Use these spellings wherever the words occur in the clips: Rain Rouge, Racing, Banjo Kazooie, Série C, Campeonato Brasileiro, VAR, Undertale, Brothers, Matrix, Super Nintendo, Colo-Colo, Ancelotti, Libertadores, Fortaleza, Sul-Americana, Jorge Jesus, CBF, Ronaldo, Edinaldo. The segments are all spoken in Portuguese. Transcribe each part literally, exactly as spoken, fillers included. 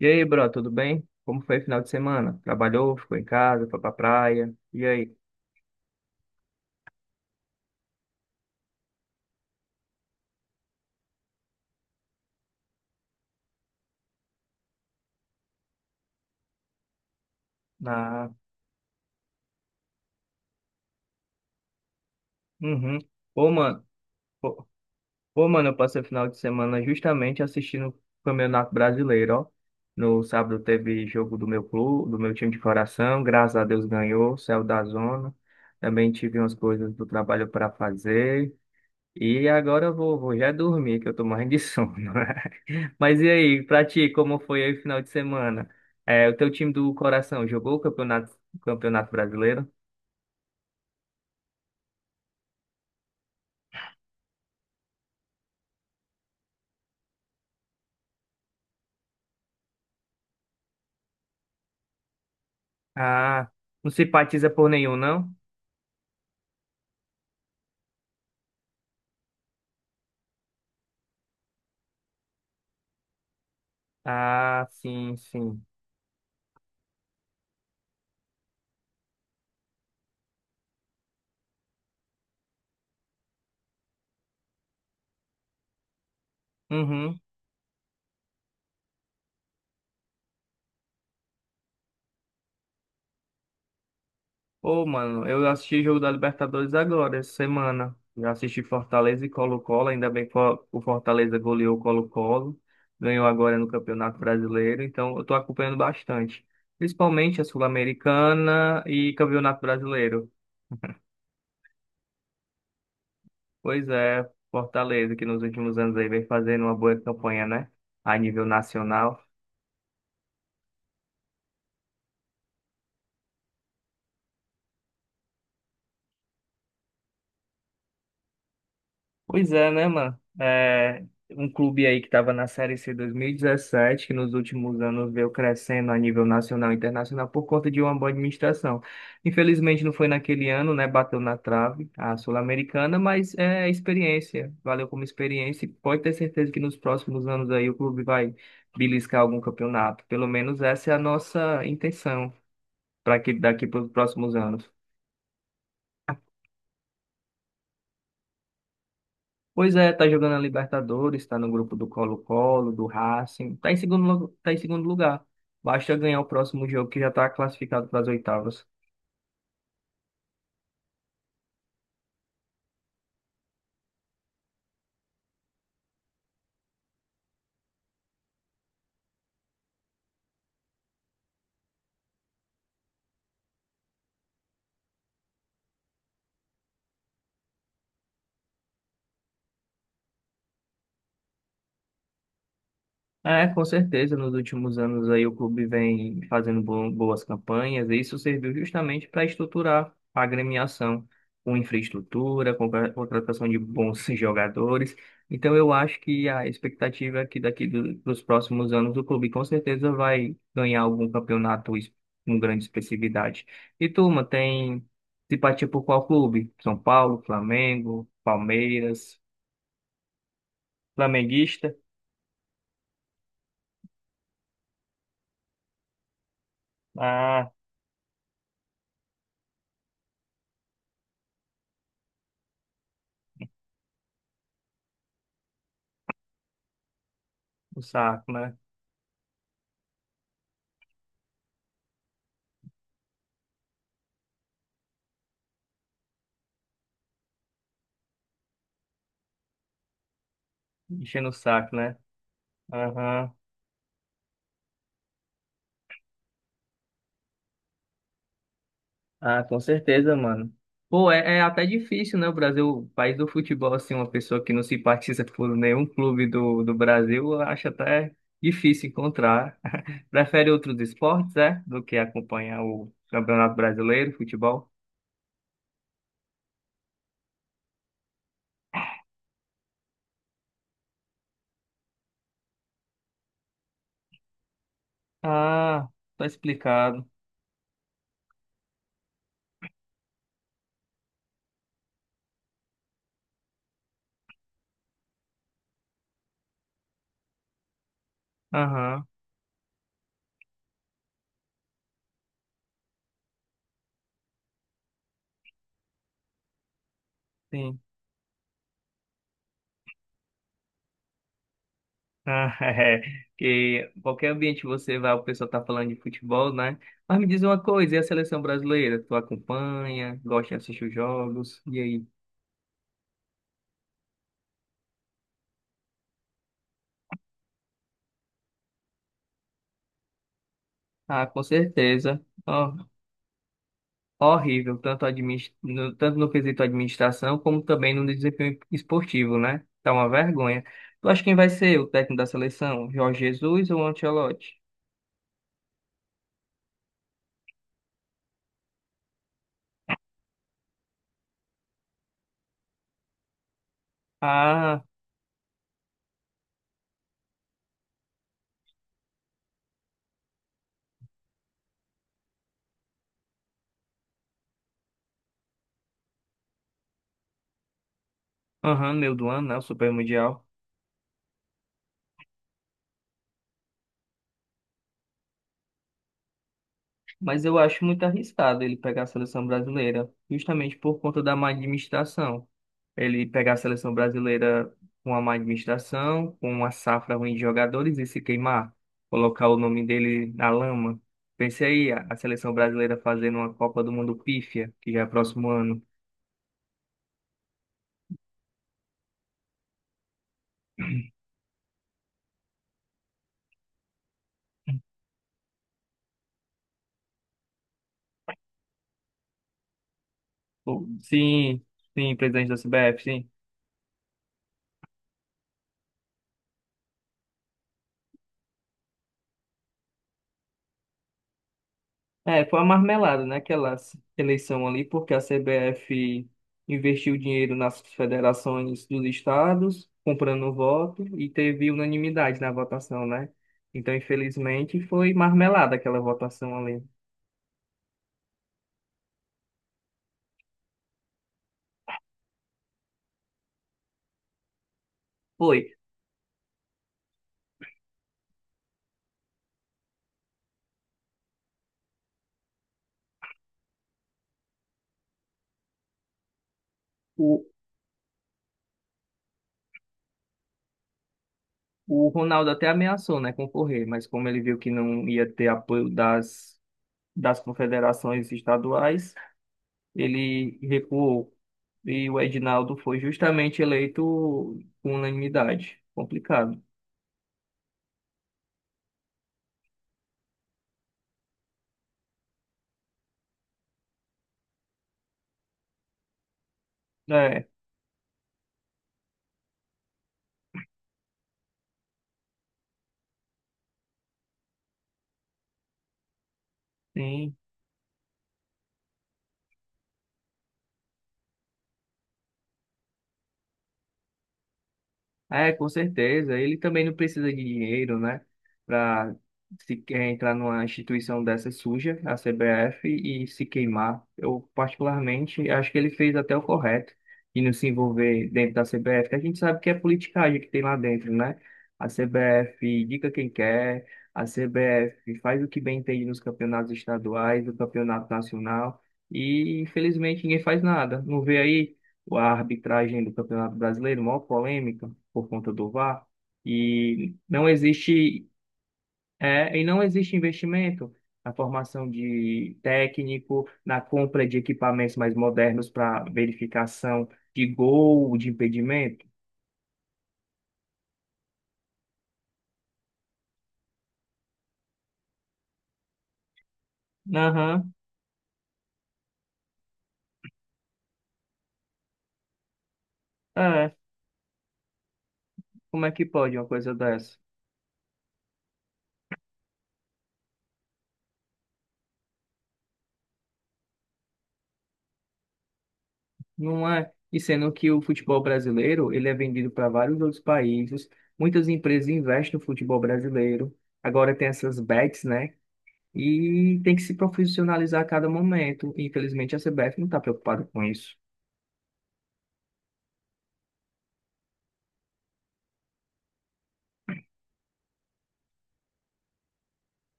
E aí, bro, tudo bem? Como foi o final de semana? Trabalhou, ficou em casa, foi pra praia? E aí? Na... Uhum. Pô, mano, pô, pô, mano, eu passei o final de semana justamente assistindo o Campeonato Brasileiro, ó. No sábado teve jogo do meu clube, do meu time de coração, graças a Deus ganhou, saiu da zona. Também tive umas coisas do trabalho para fazer. E agora eu vou, vou já dormir, que eu tô morrendo de sono. Mas e aí, pra ti, como foi aí o final de semana? É, o teu time do coração jogou o campeonato, campeonato brasileiro? Ah, não simpatiza por nenhum, não? Ah, sim, sim. Uhum. Ô, mano, eu assisti jogo da Libertadores agora, essa semana. Já assisti Fortaleza e Colo-Colo, ainda bem que o o Fortaleza goleou o Colo-Colo, ganhou agora no Campeonato Brasileiro, então eu tô acompanhando bastante. Principalmente a Sul-Americana e Campeonato Brasileiro. Pois é, Fortaleza, que nos últimos anos aí vem fazendo uma boa campanha, né? A nível nacional. Pois é, né, mano? É um clube aí que estava na Série C dois mil e dezessete, que nos últimos anos veio crescendo a nível nacional e internacional por conta de uma boa administração. Infelizmente não foi naquele ano, né? Bateu na trave a Sul-Americana, mas é experiência. Valeu como experiência e pode ter certeza que nos próximos anos aí o clube vai beliscar algum campeonato. Pelo menos essa é a nossa intenção. Para que daqui para os próximos anos. Pois é, tá jogando a Libertadores, tá no grupo do Colo-Colo, do Racing, tá em segundo, lu- tá em segundo lugar. Basta ganhar o próximo jogo que já tá classificado para as oitavas. É, com certeza, nos últimos anos aí o clube vem fazendo bo- boas campanhas e isso serviu justamente para estruturar a agremiação com infraestrutura, com a contratação de bons jogadores. Então eu acho que a expectativa é que daqui do, dos próximos anos o clube com certeza vai ganhar algum campeonato es- com grande expressividade. E turma, tem simpatia por qual clube? São Paulo, Flamengo, Palmeiras, flamenguista? Ah, o saco, né? Enchendo o saco, né? Aham. Ah, com certeza, mano. Pô, é, é até difícil, né? O Brasil, país do futebol, assim, uma pessoa que não simpatiza por nenhum clube do, do Brasil, eu acho até difícil encontrar. Prefere outros esportes, é? Do que acompanhar o Campeonato Brasileiro, futebol? Ah, tá explicado. Aham, sim. Ah, é, que qualquer ambiente que você vai, o pessoal tá falando de futebol, né? Mas me diz uma coisa, e a seleção brasileira? Tu acompanha, gosta de assistir os jogos? E aí? Ah, com certeza. Ó, horrível, tanto, adminis- no, tanto no quesito administração, como também no desempenho esportivo, né? Tá uma vergonha. Tu acha quem vai ser o técnico da seleção? Jorge Jesus ou Ancelotti? Ah, aham, meu do ano, né? O Super Mundial. Mas eu acho muito arriscado ele pegar a seleção brasileira, justamente por conta da má administração. Ele pegar a seleção brasileira com a má administração, com uma safra ruim de jogadores e se queimar, colocar o nome dele na lama. Pense aí, a a seleção brasileira fazendo uma Copa do Mundo pífia, que já é próximo ano. O- Sim, sim, presidente da C B F, sim. É, foi uma marmelada, né, aquela s- eleição ali, porque a C B F investiu dinheiro nas federações dos estados, comprando voto, e teve unanimidade na votação, né? Então, infelizmente, foi marmelada aquela votação ali. Foi. O, o Ronaldo até ameaçou, né, concorrer, mas como ele viu que não ia ter apoio das, das confederações estaduais, ele recuou. E o Edinaldo foi justamente eleito com unanimidade. Complicado. É, sim. É, com certeza. Ele também não precisa de dinheiro, né? Para se quer entrar numa instituição dessa suja, a C B F, e se queimar. Eu, particularmente, acho que ele fez até o correto de não se envolver dentro da C B F, que a gente sabe que é politicagem que tem lá dentro, né? A C B F indica quem quer, a C B F faz o que bem entende nos campeonatos estaduais, no campeonato nacional, e infelizmente ninguém faz nada. Não vê aí a arbitragem do Campeonato Brasileiro, maior polêmica por conta do V A R, e não existe, é, e não existe investimento na formação de técnico, na compra de equipamentos mais modernos para verificação de gol, de impedimento. Aham, é. Como é que pode uma coisa dessa? Não é. E sendo que o futebol brasileiro, ele é vendido para vários outros países, muitas empresas investem no futebol brasileiro. Agora tem essas bets, né? E tem que se profissionalizar a cada momento. E, infelizmente, a C B F não está preocupada com isso.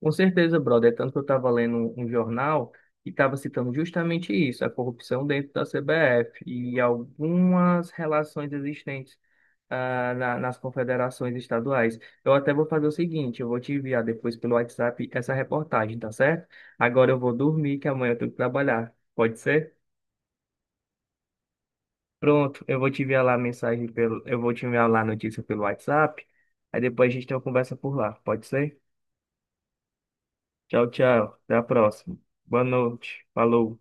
Com certeza, brother. É tanto que eu estava lendo um jornal e estava citando justamente isso, a corrupção dentro da C B F e algumas relações existentes ah, na- nas confederações estaduais. Eu até vou fazer o seguinte, eu vou te enviar depois pelo WhatsApp essa reportagem, tá certo? Agora eu vou dormir, que amanhã eu tenho que trabalhar. Pode ser? Pronto, eu vou te enviar lá a mensagem pelo, eu vou te enviar lá a notícia pelo WhatsApp. Aí depois a gente tem uma conversa por lá, pode ser? Tchau, tchau. Até a próxima. Boa noite. Falou.